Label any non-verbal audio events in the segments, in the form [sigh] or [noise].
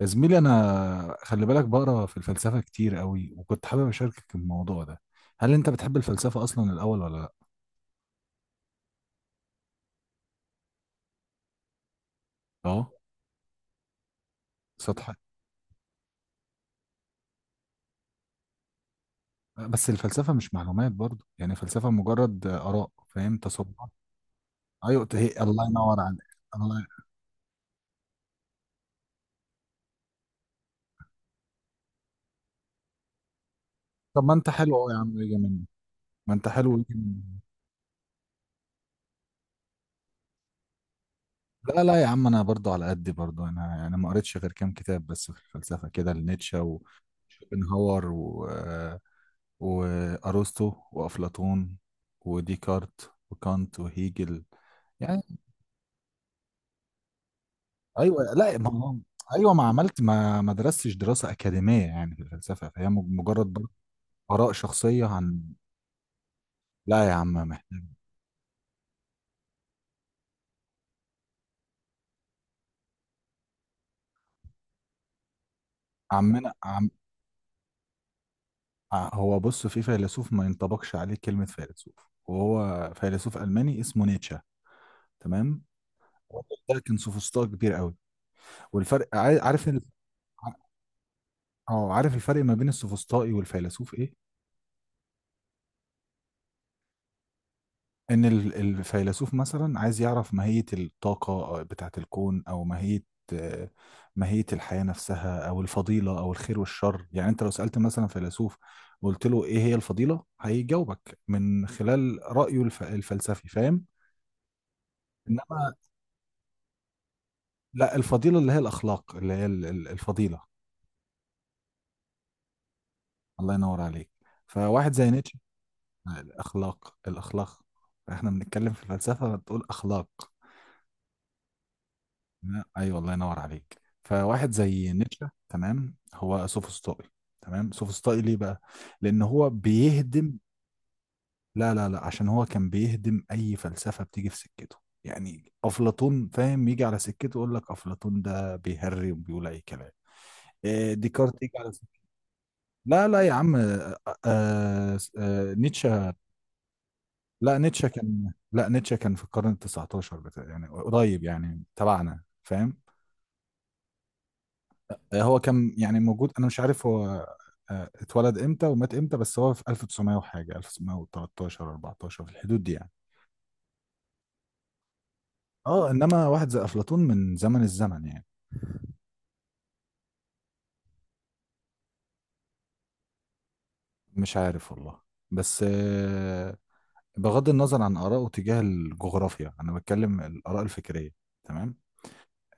يا زميلي انا خلي بالك بقرا في الفلسفه كتير قوي، وكنت حابب اشاركك الموضوع ده. هل انت بتحب الفلسفه اصلا الاول ولا لا؟ اه. سطح. بس الفلسفه مش معلومات برضو، يعني الفلسفه مجرد اراء، فاهم، تصورات. ايوه هي، الله ينور عليك، الله. طب ما انت حلو أهو يا عم، يجي مني. ما انت حلو يجي مني. لا لا يا عم، انا برضو على قدي برضو، انا يعني ما قريتش غير كام كتاب بس في الفلسفه كده، لنيتشه وشوبنهاور و... وأرسطو وأفلاطون وديكارت وكانت وهيجل. يعني أيوة لا ما هو، أيوة ما عملت ما درستش دراسة أكاديمية يعني في الفلسفة، فهي مجرد برضه آراء شخصية عن. لا يا عم محتاج. عمنا عم، هو بص، في فيلسوف ما ينطبقش عليه كلمة فيلسوف، وهو فيلسوف ألماني اسمه نيتشه، تمام. الراجل ده كان سوفسطائي كبير قوي، والفرق، عارف اه، عارف الفرق ما بين السوفسطائي والفيلسوف ايه؟ ان الفيلسوف مثلا عايز يعرف ماهية الطاقة، بتاعة الكون، او ماهية، آه، ماهية الحياة نفسها، او الفضيلة او الخير والشر. يعني انت لو سألت مثلا فيلسوف وقلت له ايه هي الفضيلة، هيجاوبك من خلال رأيه الفلسفي، فاهم. انما لا، الفضيلة اللي هي الاخلاق، اللي هي الفضيلة. الله ينور عليك. فواحد زي نيتشه. الاخلاق الاخلاق، احنا بنتكلم في الفلسفة بتقول اخلاق. لا، ايوه الله ينور عليك. فواحد زي نيتشه، تمام، هو سوفسطائي. تمام، سوفسطائي ليه بقى؟ لان هو بيهدم. لا لا لا، عشان هو كان بيهدم اي فلسفه بتيجي في سكته. يعني افلاطون، فاهم، يجي على سكته يقول لك افلاطون ده بيهري وبيقول اي كلام. إيه، ديكارت يجي على سكته. لا لا يا عم، نيتشه، لا، نيتشه كان في القرن ال 19 بتاع، يعني قريب يعني تبعنا، فاهم. آه، هو كان يعني موجود، انا مش عارف هو، آه، اتولد امتى ومات امتى، بس هو في 1900 وحاجه، 1913 14 في الحدود دي يعني. اه انما واحد زي افلاطون من زمن الزمن يعني. مش عارف والله، بس، بغض النظر عن آرائه تجاه الجغرافيا، انا بتكلم الآراء الفكريه، تمام.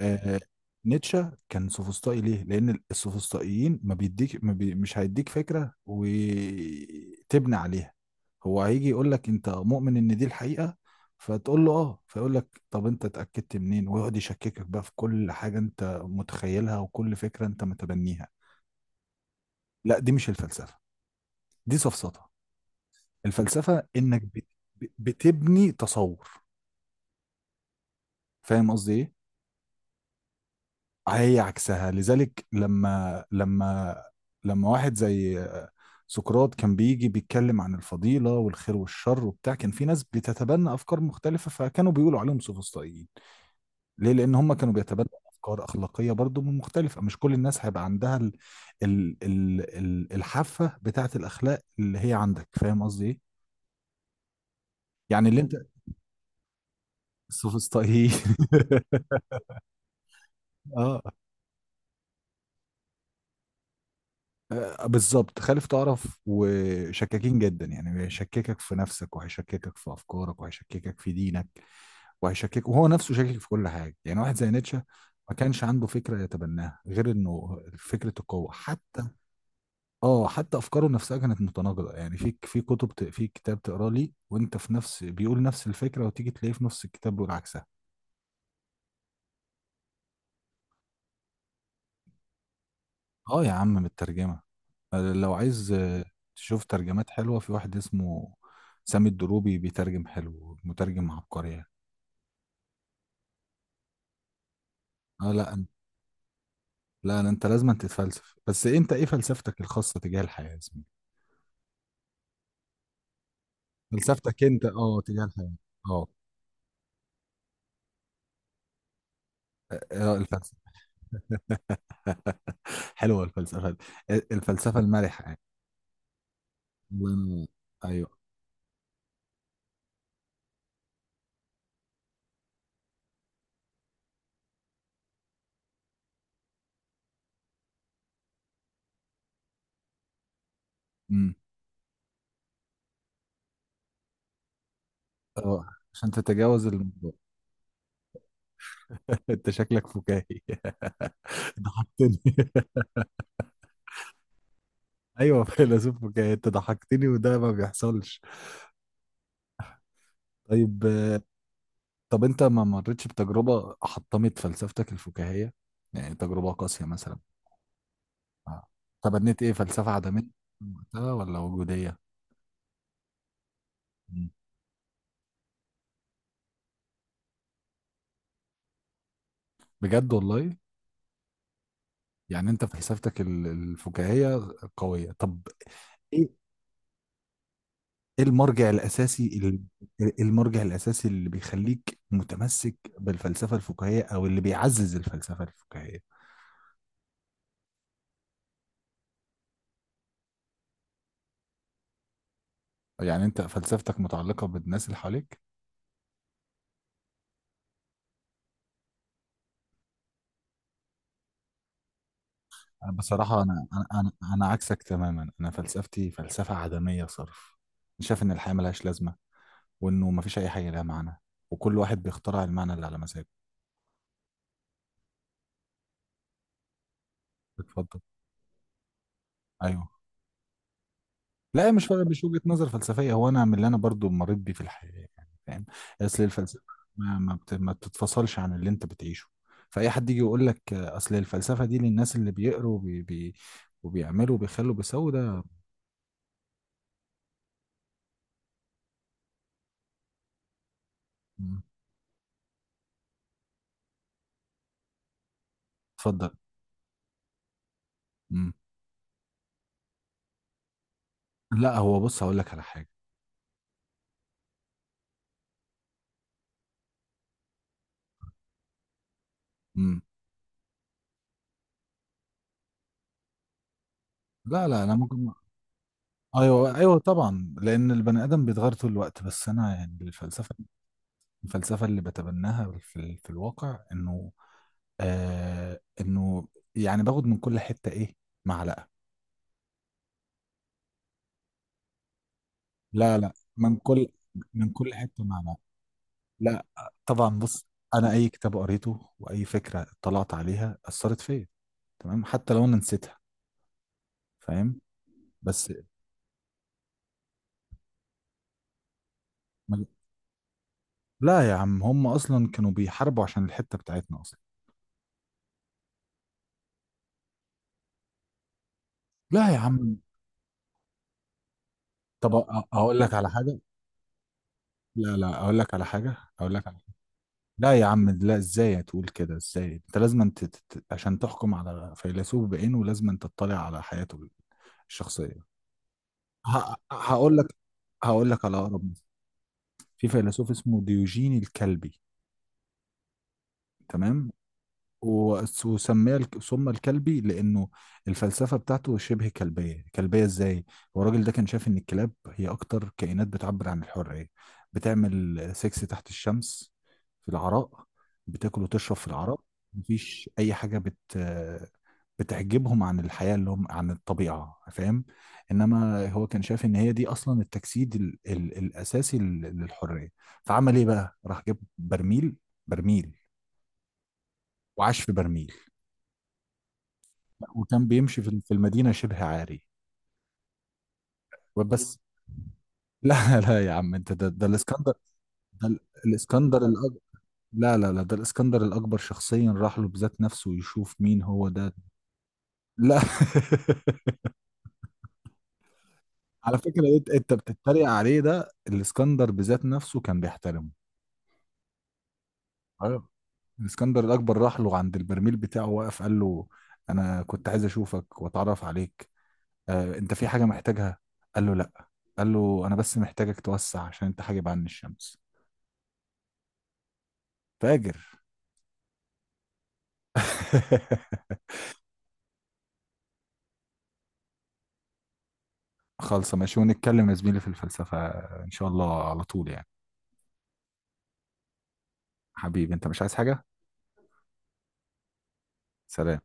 آه، نيتشه كان سوفسطائي ليه؟ لأن السوفسطائيين ما بيديك، ما بي، مش هيديك فكرة وتبني عليها. هو هيجي يقول لك أنت مؤمن إن دي الحقيقة، فتقول له آه، فيقول لك طب أنت اتأكدت منين؟ ويقعد يشككك بقى في كل حاجة أنت متخيلها وكل فكرة أنت متبنيها. لا دي مش الفلسفة، دي سفسطة. الفلسفة إنك بتبني تصور. فاهم قصدي إيه؟ هي عكسها، لذلك لما واحد زي سقراط كان بيجي بيتكلم عن الفضيلة والخير والشر وبتاع، كان في ناس بتتبنى أفكار مختلفة، فكانوا بيقولوا عليهم سوفسطائيين. ليه؟ لأن هم كانوا بيتبنوا أفكار أخلاقية برضو مختلفة، مش كل الناس هيبقى عندها ال الحافة بتاعة الأخلاق اللي هي عندك. فاهم قصدي إيه؟ يعني اللي أنت، السوفسطائيين. [laughs] اه. آه، بالظبط، خالف تعرف، وشكاكين جدا يعني، هيشككك في نفسك، وهيشككك في افكارك، وهيشككك في دينك، وهيشكك، وهو نفسه شاكك في كل حاجه. يعني واحد زي نيتشه ما كانش عنده فكره يتبناها غير انه فكره القوه. حتى، اه، حتى افكاره نفسها كانت متناقضه. يعني في كتب في كتاب تقرا لي وانت في نفس، بيقول نفس الفكره وتيجي تلاقيه في نفس الكتاب بيقول عكسها. اه يا عم مترجمة، لو عايز، تشوف ترجمات حلوة، في واحد اسمه سامي الدروبي بيترجم حلو، مترجم عبقري يعني. اه لا أنت- لا لا، انت لازم تتفلسف، بس انت ايه فلسفتك الخاصة تجاه الحياة يا زميلي؟ فلسفتك انت اه تجاه الحياة. اه. آه، الفلسفة. [laughs] حلوة الفلسفة دي. الفلسفة المرحة يعني. الله ينور. ايوه. امم. اه، عشان تتجاوز الموضوع. [laughs] انت شكلك فكاهي، [laughs] ضحكتني. [laughs] ايوه فيلسوف فكاهي، انت ضحكتني وده ما بيحصلش. طيب، طب انت ما مرتش بتجربة حطمت فلسفتك الفكاهية؟ يعني تجربة قاسية مثلا. آه. تبنيت ايه، فلسفة عدمية من وقتها ولا وجودية؟ مم. بجد والله؟ يعني انت فلسفتك الفكاهية قوية. طب ايه، ايه المرجع الاساسي المرجع الاساسي اللي بيخليك متمسك بالفلسفة الفكاهية، او اللي بيعزز الفلسفة الفكاهية؟ يعني انت فلسفتك متعلقة بالناس اللي حواليك. بصراحة أنا عكسك تماما. أنا فلسفتي فلسفة عدمية صرف. أنا شايف إن الحياة ملهاش لازمة، وإنه مفيش أي حاجة لها معنى، وكل واحد بيخترع المعنى اللي على مزاجه. اتفضل. أيوه. لا هي مش فرق، مش وجهة نظر فلسفية، هو أنا من اللي أنا برضو مريت بيه في الحياة، يعني فاهم. أصل الفلسفة ما بتتفصلش عن اللي أنت بتعيشه. فأي حد يجي يقول لك، آه، أصل الفلسفة دي للناس اللي بيقروا وبي... بي... وبيعملوا وبيخلوا بيسووا ده. مم. اتفضل. مم. لا هو بص، هقول لك على حاجة. مم. لا لا، انا ممكن، ايوه ايوه طبعا، لان البني ادم بيتغير طول الوقت. بس انا يعني الفلسفه، الفلسفه اللي بتبناها في في الواقع انه، آه انه، يعني باخد من كل حته ايه، معلقه. لا لا، من كل، من كل حته معلقه. لا، طبعا، بص، انا اي كتاب قريته واي فكره اطلعت عليها اثرت فيا، تمام، حتى لو انا نسيتها، فاهم. بس ما- لا يا عم، هم اصلا كانوا بيحاربوا عشان الحته بتاعتنا اصلا. لا يا عم، طب أ- اقول لك على حاجه، لا لا اقول لك على حاجه، اقول لك على حاجة. لا يا عم لا، ازاي تقول كده؟ ازاي؟ انت لازم انت تت... تت- عشان تحكم على فيلسوف بعينه لازم انت تطلع على حياته الشخصيه. ه... هقول لك، هقول لك على اقرب مثال. في فيلسوف اسمه ديوجين الكلبي، تمام. وسمي سمى الكلبي لأنه الفلسفة بتاعته شبه كلبية. كلبية إزاي؟ هو الراجل ده كان شايف إن الكلاب هي أكتر كائنات بتعبر عن الحرية، بتعمل سكس تحت الشمس في العراء، بتاكل وتشرب في العراء، مفيش أي حاجة بت، بتحجبهم عن الحياة اللي هم، عن الطبيعة، فاهم؟ إنما هو كان شايف إن هي دي أصلا التجسيد الأساسي للحرية. فعمل إيه بقى؟ راح جاب برميل، برميل، وعاش في برميل، وكان بيمشي في المدينة شبه عاري، وبس. [laughs] لا لا يا عم، انت ده، ده الاسكندر، ده ال- الاسكندر الأكبر. لا لا لا، ده الاسكندر الأكبر شخصيا راح له بذات نفسه يشوف مين هو ده. لا. [laughs] على فكرة، انت بتتريق عليه، ده الاسكندر بذات نفسه كان بيحترمه. ايوه. الاسكندر الأكبر راح له عند البرميل بتاعه، وقف قال له أنا كنت عايز أشوفك وأتعرف عليك، آه، أنت في حاجة محتاجها؟ قال له لا، قال له أنا بس محتاجك توسع عشان أنت حاجب عني الشمس. فاجر. خالصة، ماشي، ونتكلم يا زميلي في الفلسفة إن شاء الله على طول يعني. حبيبي أنت مش عايز حاجة؟ سلام.